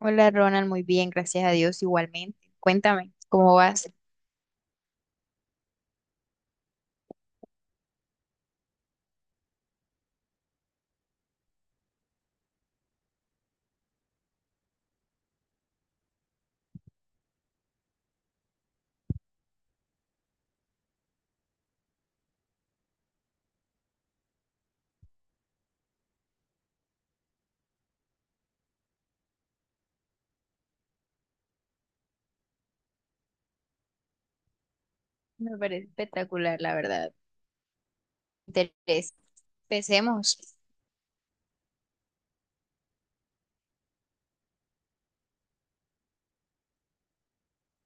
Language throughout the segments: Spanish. Hola Ronald, muy bien, gracias a Dios igualmente. Cuéntame, ¿cómo vas? Me parece espectacular, la verdad. Interés. Empecemos.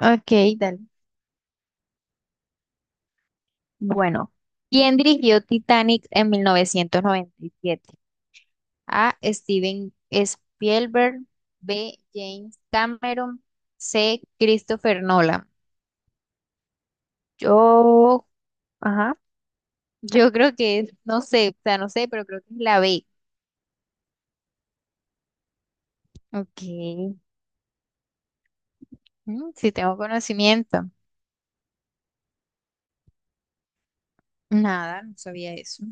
Ok, dale. Bueno, ¿quién dirigió Titanic en 1997? A. Steven Spielberg, B. James Cameron, C. Christopher Nolan. Yo, ajá, yo creo que, no sé, o sea, no sé, pero creo que es la B. Ok, mm, sí tengo conocimiento. Nada, no sabía eso.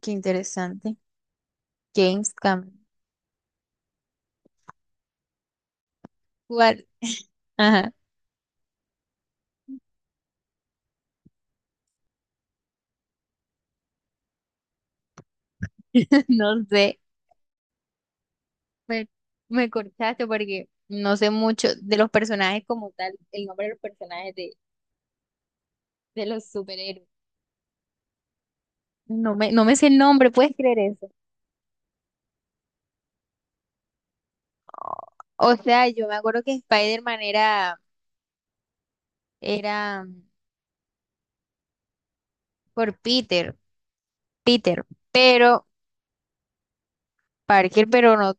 Qué interesante. Gamescom. ¿Cuál? Ajá. No sé. Me, me cortaste porque no sé mucho de los personajes como tal, el nombre de los personajes de los superhéroes. No me sé el nombre, ¿puedes creer eso? O sea, yo me acuerdo que Spider-Man era, era por Peter, Peter, pero Parker, pero no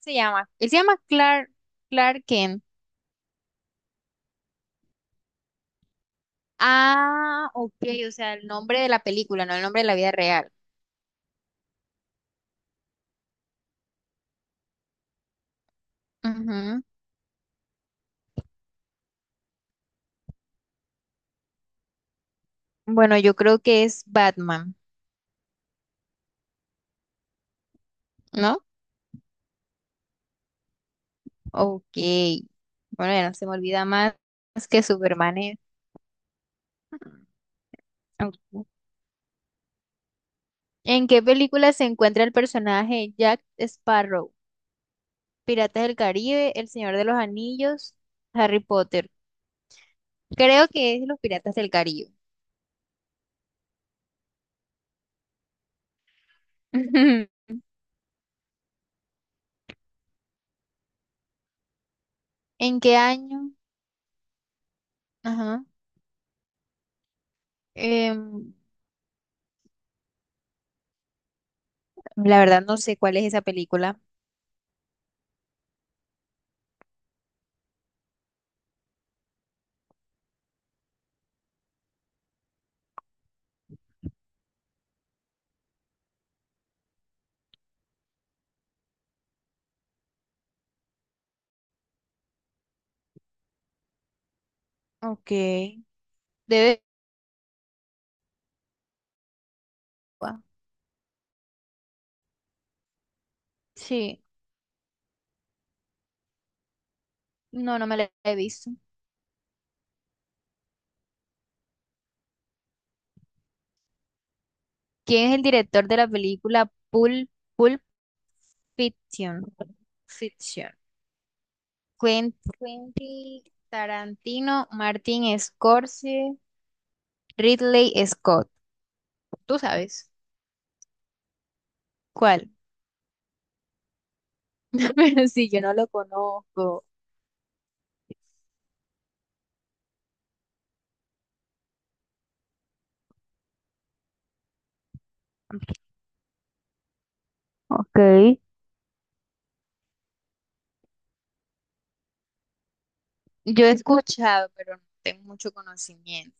se llama. Él se llama Clark, Clark Kent. Ah, ok, o sea, el nombre de la película, no el nombre de la vida real. Ujú. Bueno, yo creo que es Batman, ¿no? Ok. Bueno, ya no se me olvida más que Superman es. Ok. ¿En qué película se encuentra el personaje Jack Sparrow? ¿Piratas del Caribe, El Señor de los Anillos, Harry Potter? Creo que es Los Piratas del Caribe. ¿En qué año? Ajá. Em, la verdad no sé cuál es esa película. Ok. Debe sí, no, no me la he visto. ¿Quién es el director de la película Pulp Fiction? Fiction. Quentin Tarantino, Martin Scorsese, Ridley Scott. ¿Tú sabes cuál? Pero sí, yo no lo conozco. Ok. Yo he escuchado, pero no tengo mucho conocimiento.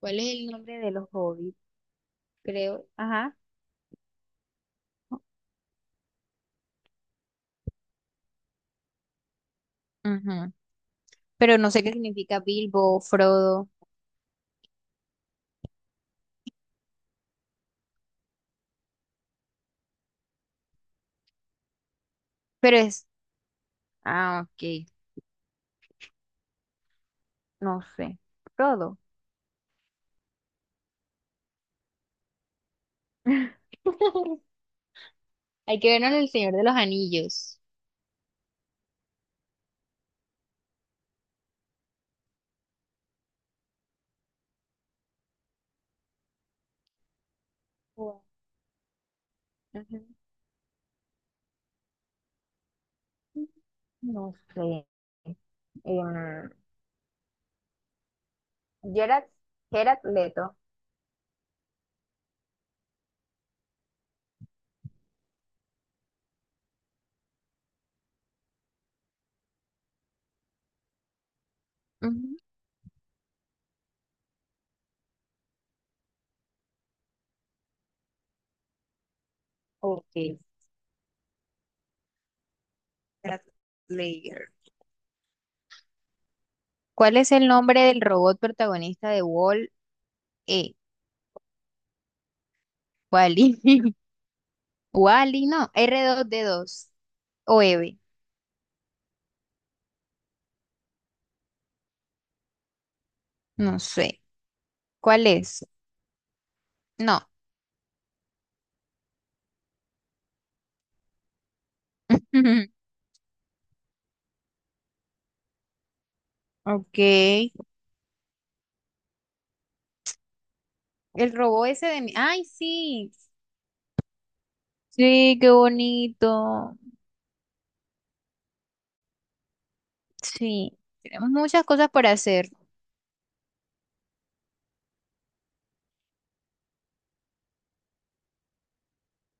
¿Cuál es el nombre de los hobbits? Creo. Ajá. Ujú. Pero no sé qué significa Bilbo, Frodo. Pero es ah, ok. No sé. Frodo. Hay que vernos en El Señor de los Anillos. Bueno, ujú. No sé. Em, Gerard, Gerard Leto. Ujú. Ok. Gerard Lager. ¿Cuál es el nombre del robot protagonista de Wall E? Wally. Wally, no. R2D2 o Eve. No sé. ¿Cuál es? No. Ok. El robot ese de... Ay, sí. Sí, qué bonito. Sí, tenemos muchas cosas para hacer.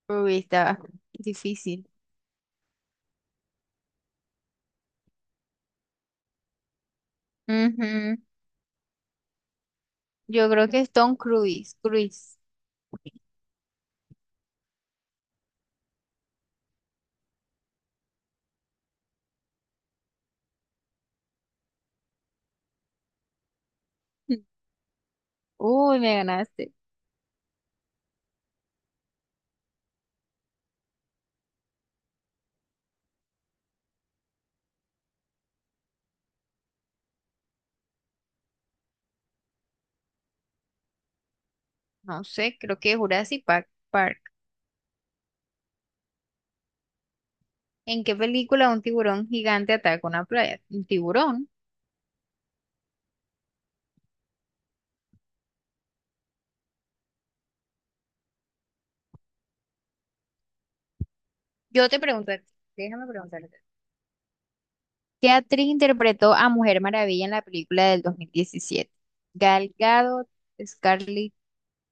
Uy, está difícil. Ujú. Yo creo que es Tom Cruise. Cruise. Uy, me ganaste. No sé, creo que Jurassic Park. Park. ¿En qué película un tiburón gigante ataca una playa? ¿Un tiburón? Yo te pregunto, a ti, déjame preguntarte. ¿Qué actriz interpretó a Mujer Maravilla en la película del 2017? Gal Gadot, Scarlett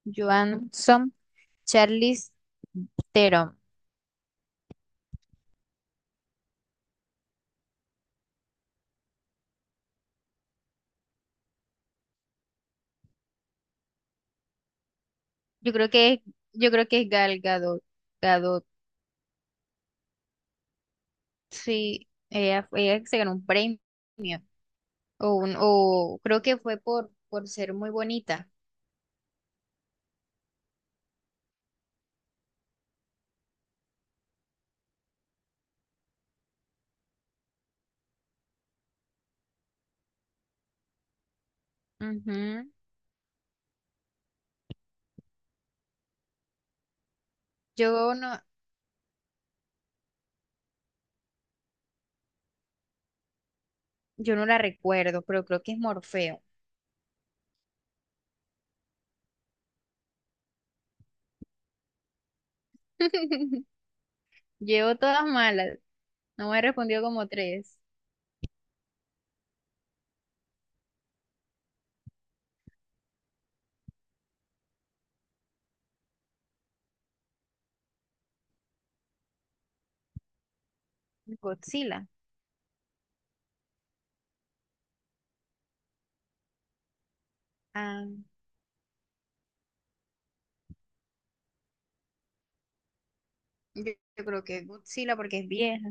Johansson, Charlize Theron. Yo creo que es, yo creo que es Gal Gadot. Gadot, sí, ella se ganó un premio. O, un, o creo que fue por ser muy bonita. Ujú. Yo no, yo no la recuerdo, pero creo que es Morfeo. Llevo todas malas. No me respondió como tres. Godzilla. Ah, yo creo que es Godzilla porque es vieja.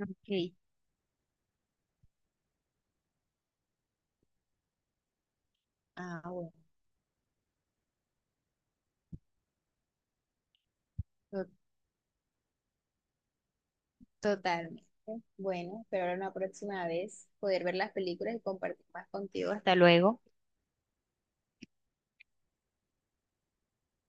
Ok. Ah, bueno. Totalmente. Bueno, espero la próxima vez poder ver las películas y compartir más contigo. Hasta luego.